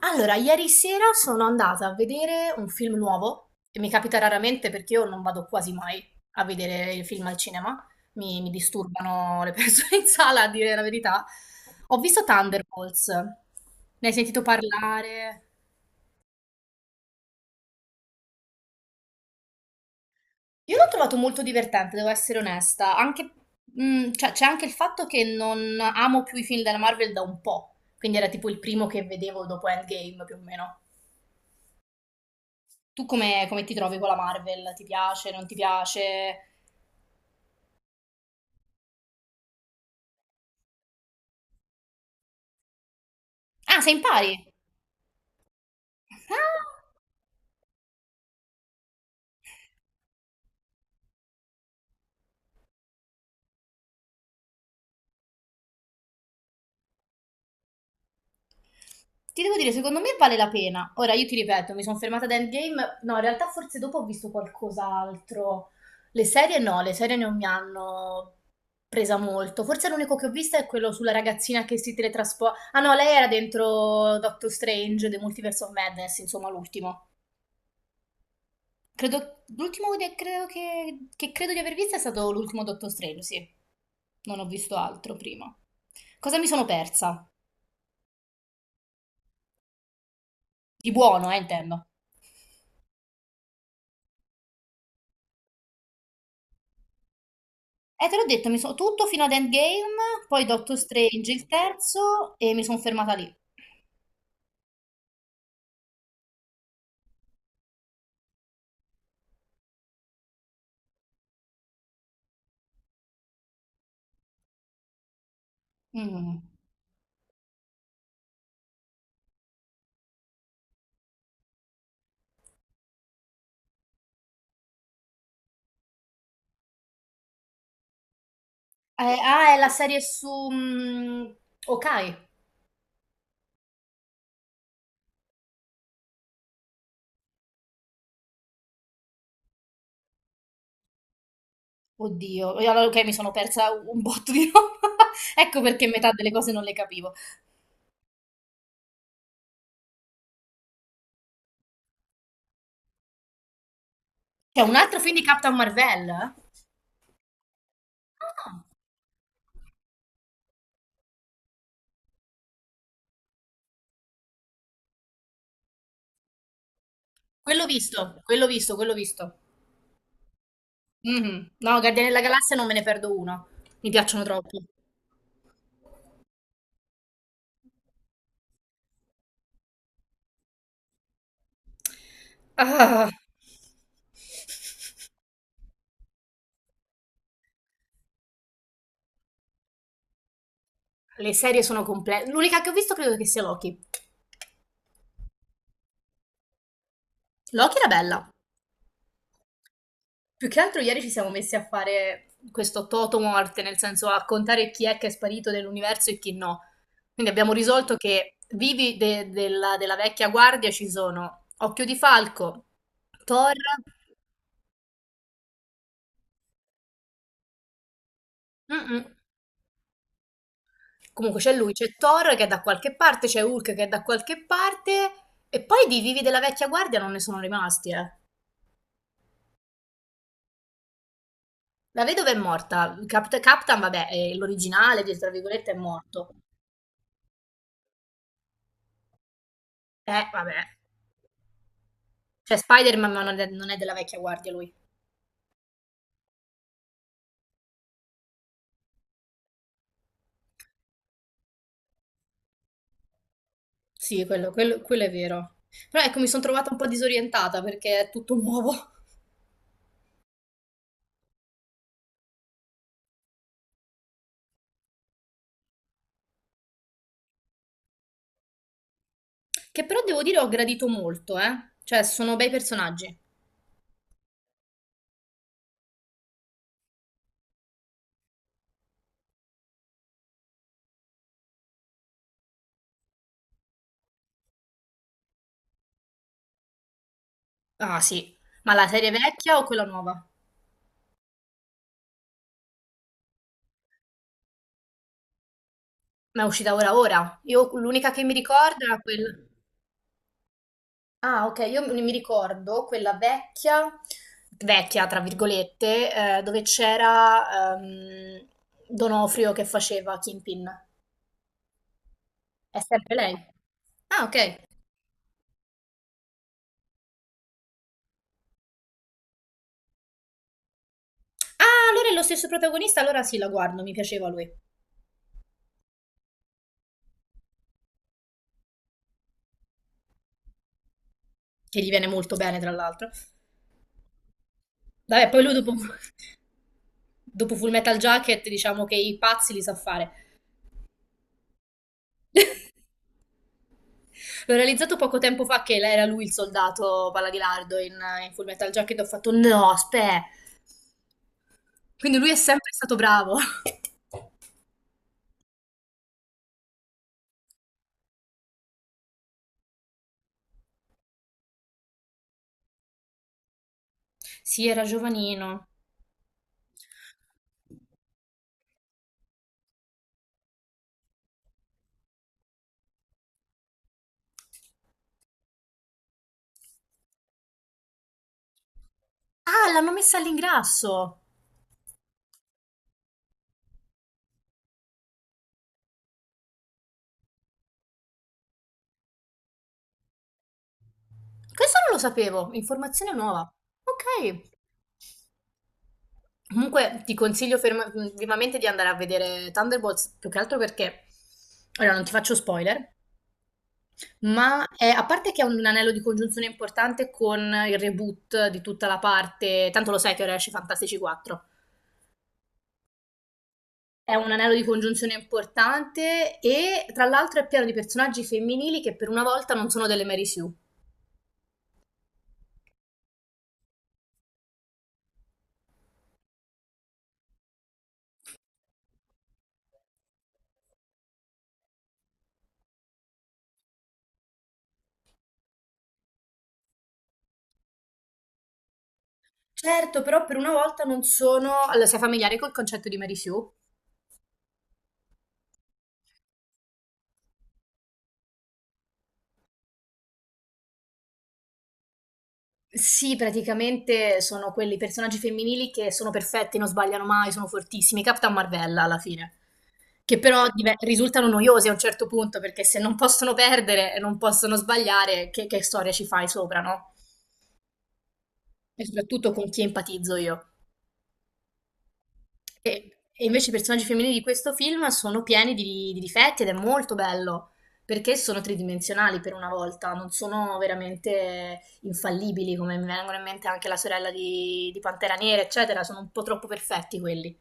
Allora, ieri sera sono andata a vedere un film nuovo, e mi capita raramente perché io non vado quasi mai a vedere i film al cinema, mi disturbano le persone in sala, a dire la verità. Ho visto Thunderbolts, ne hai sentito parlare? Io l'ho trovato molto divertente, devo essere onesta, anche, cioè, c'è anche il fatto che non amo più i film della Marvel da un po', quindi era tipo il primo che vedevo dopo Endgame più o meno. Tu come ti trovi con la Marvel? Ti piace, non ti piace? Ah, sei in pari? Ah, ti devo dire, secondo me vale la pena. Ora, io ti ripeto, mi sono fermata ad Endgame. No, in realtà forse dopo ho visto qualcos'altro. Le serie no, le serie non mi hanno presa molto. Forse l'unico che ho visto è quello sulla ragazzina che si teletrasporta. Ah no, lei era dentro Doctor Strange, The Multiverse of Madness, insomma, l'ultimo. Credo, credo che, credo di aver visto è stato l'ultimo Doctor Strange, sì. Non ho visto altro prima. Cosa mi sono persa? Di buono, intendo. Te l'ho detto, tutto fino ad Endgame, poi Doctor Strange il terzo e mi sono fermata lì. Mm. Ah, è la serie su mm, Ok. Oddio, e allora ok, mi sono persa un botto di roba. Ecco perché metà delle cose non le capivo. C'è un altro film di Captain Marvel? Ah, quello visto, quello visto, quello visto. Mhm. No, Guardiani della Galassia non me ne perdo uno. Mi piacciono troppo. Ah, le serie sono complete. L'unica che ho visto credo che sia Loki. Loki era bella. Più che altro ieri ci siamo messi a fare questo toto morte, nel senso a contare chi è che è sparito dell'universo e chi no. Quindi abbiamo risolto che della vecchia guardia ci sono Occhio di Falco, Thor. Mm-mm. Comunque c'è lui, c'è Thor che è da qualche parte, c'è Hulk che è da qualche parte, e poi di vivi della vecchia guardia non ne sono rimasti, eh. La vedova è morta, Captain, vabbè, è l'originale, tra virgolette, è morto. Vabbè. Cioè Spider-Man ma non è della vecchia guardia lui. Sì, quello è vero. Però ecco mi son trovata un po' disorientata perché è tutto nuovo. Che però devo dire ho gradito molto, eh. Cioè sono bei personaggi. Ah sì. Ma la serie vecchia o quella nuova? Ma è uscita ora ora. Io l'unica che mi ricordo era quel ah okay, io mi ricordo quella vecchia vecchia tra virgolette, dove c'era, D'Onofrio che faceva Kingpin. È sempre lei? Ah okay. Ah, allora è lo stesso protagonista, allora sì, la guardo, mi piaceva lui, che gli viene molto bene, tra l'altro. Vabbè, poi lui dopo, dopo Full Metal Jacket, diciamo che i pazzi li sa fare. L'ho realizzato poco tempo fa che era lui il soldato in Full Metal Jacket, ho fatto no, aspetta. Quindi lui è sempre stato bravo. Sì, era giovanino. Ah, l'hanno messa all'ingrasso. Questo non lo sapevo, informazione nuova. Ok. Comunque ti consiglio vivamente di andare a vedere Thunderbolts, più che altro perché, allora non ti faccio spoiler, ma a parte che è un anello di congiunzione importante con il reboot di tutta la parte, tanto lo sai che ora esce Fantastici 4, è un anello di congiunzione importante e tra l'altro è pieno di personaggi femminili che per una volta non sono delle Mary Sue. Certo, però per una volta non sono... Allora, sei familiare col concetto di Mary Sue? Sì, praticamente sono quelli personaggi femminili che sono perfetti, non sbagliano mai, sono fortissimi. Captain Marvella alla fine, che però risultano noiosi a un certo punto perché se non possono perdere e non possono sbagliare, che storia ci fai sopra, no? E soprattutto con chi empatizzo io. E invece i personaggi femminili di questo film sono pieni di difetti ed è molto bello perché sono tridimensionali per una volta, non sono veramente infallibili come mi vengono in mente anche la sorella di Pantera Nera, eccetera, sono un po' troppo perfetti quelli.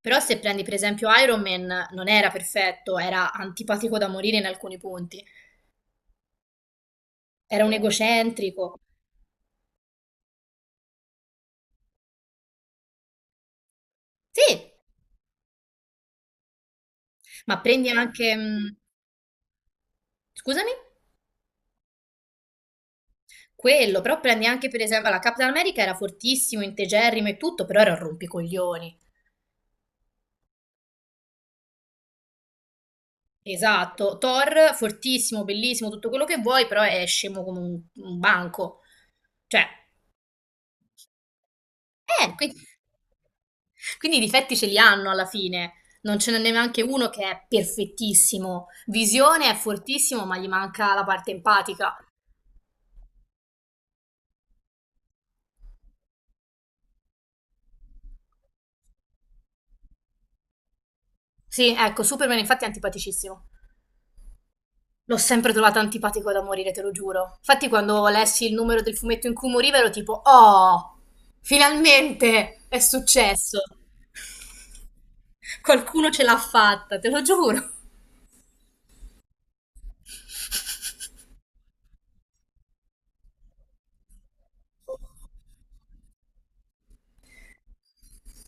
Però se prendi per esempio Iron Man non era perfetto, era antipatico da morire in alcuni punti, era un egocentrico. Sì, ma prendi anche... Scusami? Quello, però prendi anche per esempio, la Capitan America era fortissimo, integerrimo e tutto, però era un rompicoglioni. Esatto, Thor fortissimo, bellissimo, tutto quello che vuoi, però è scemo come un banco. Cioè, eh, quindi, quindi i difetti ce li hanno alla fine. Non ce n'è neanche uno che è perfettissimo. Visione è fortissimo, ma gli manca la parte empatica. Sì, ecco, Superman infatti è antipaticissimo. L'ho sempre trovata antipatico da morire, te lo giuro. Infatti, quando lessi il numero del fumetto in cui moriva, ero tipo, oh, finalmente è successo. Qualcuno ce l'ha fatta, te lo giuro.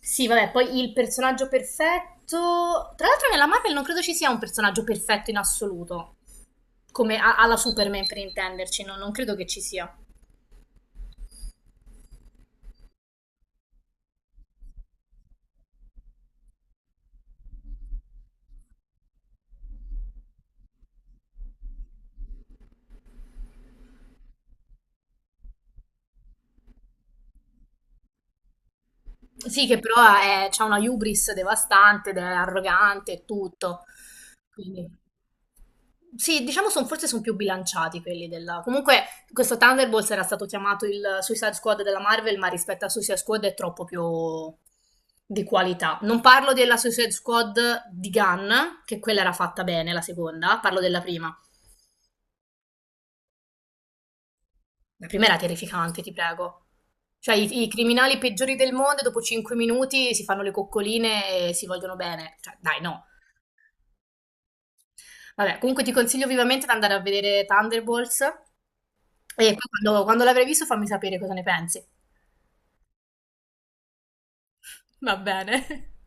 Sì, vabbè, poi il personaggio perfetto. Tra l'altro, nella Marvel non credo ci sia un personaggio perfetto in assoluto. Come alla Superman, per intenderci, no? Non credo che ci sia. Sì, che però c'ha una hubris devastante ed è arrogante e tutto. Quindi. Sì, diciamo son forse son più bilanciati quelli della comunque questo Thunderbolts era stato chiamato il Suicide Squad della Marvel, ma rispetto a Suicide Squad è troppo più di qualità. Non parlo della Suicide Squad di Gunn, che quella era fatta bene, la seconda, parlo della prima. La prima era terrificante, ti prego. Cioè i criminali peggiori del mondo dopo 5 minuti si fanno le coccoline e si vogliono bene. Cioè, dai, no. Vabbè, comunque ti consiglio vivamente di andare a vedere Thunderbolts e poi quando l'avrai visto fammi sapere cosa ne pensi. Va bene.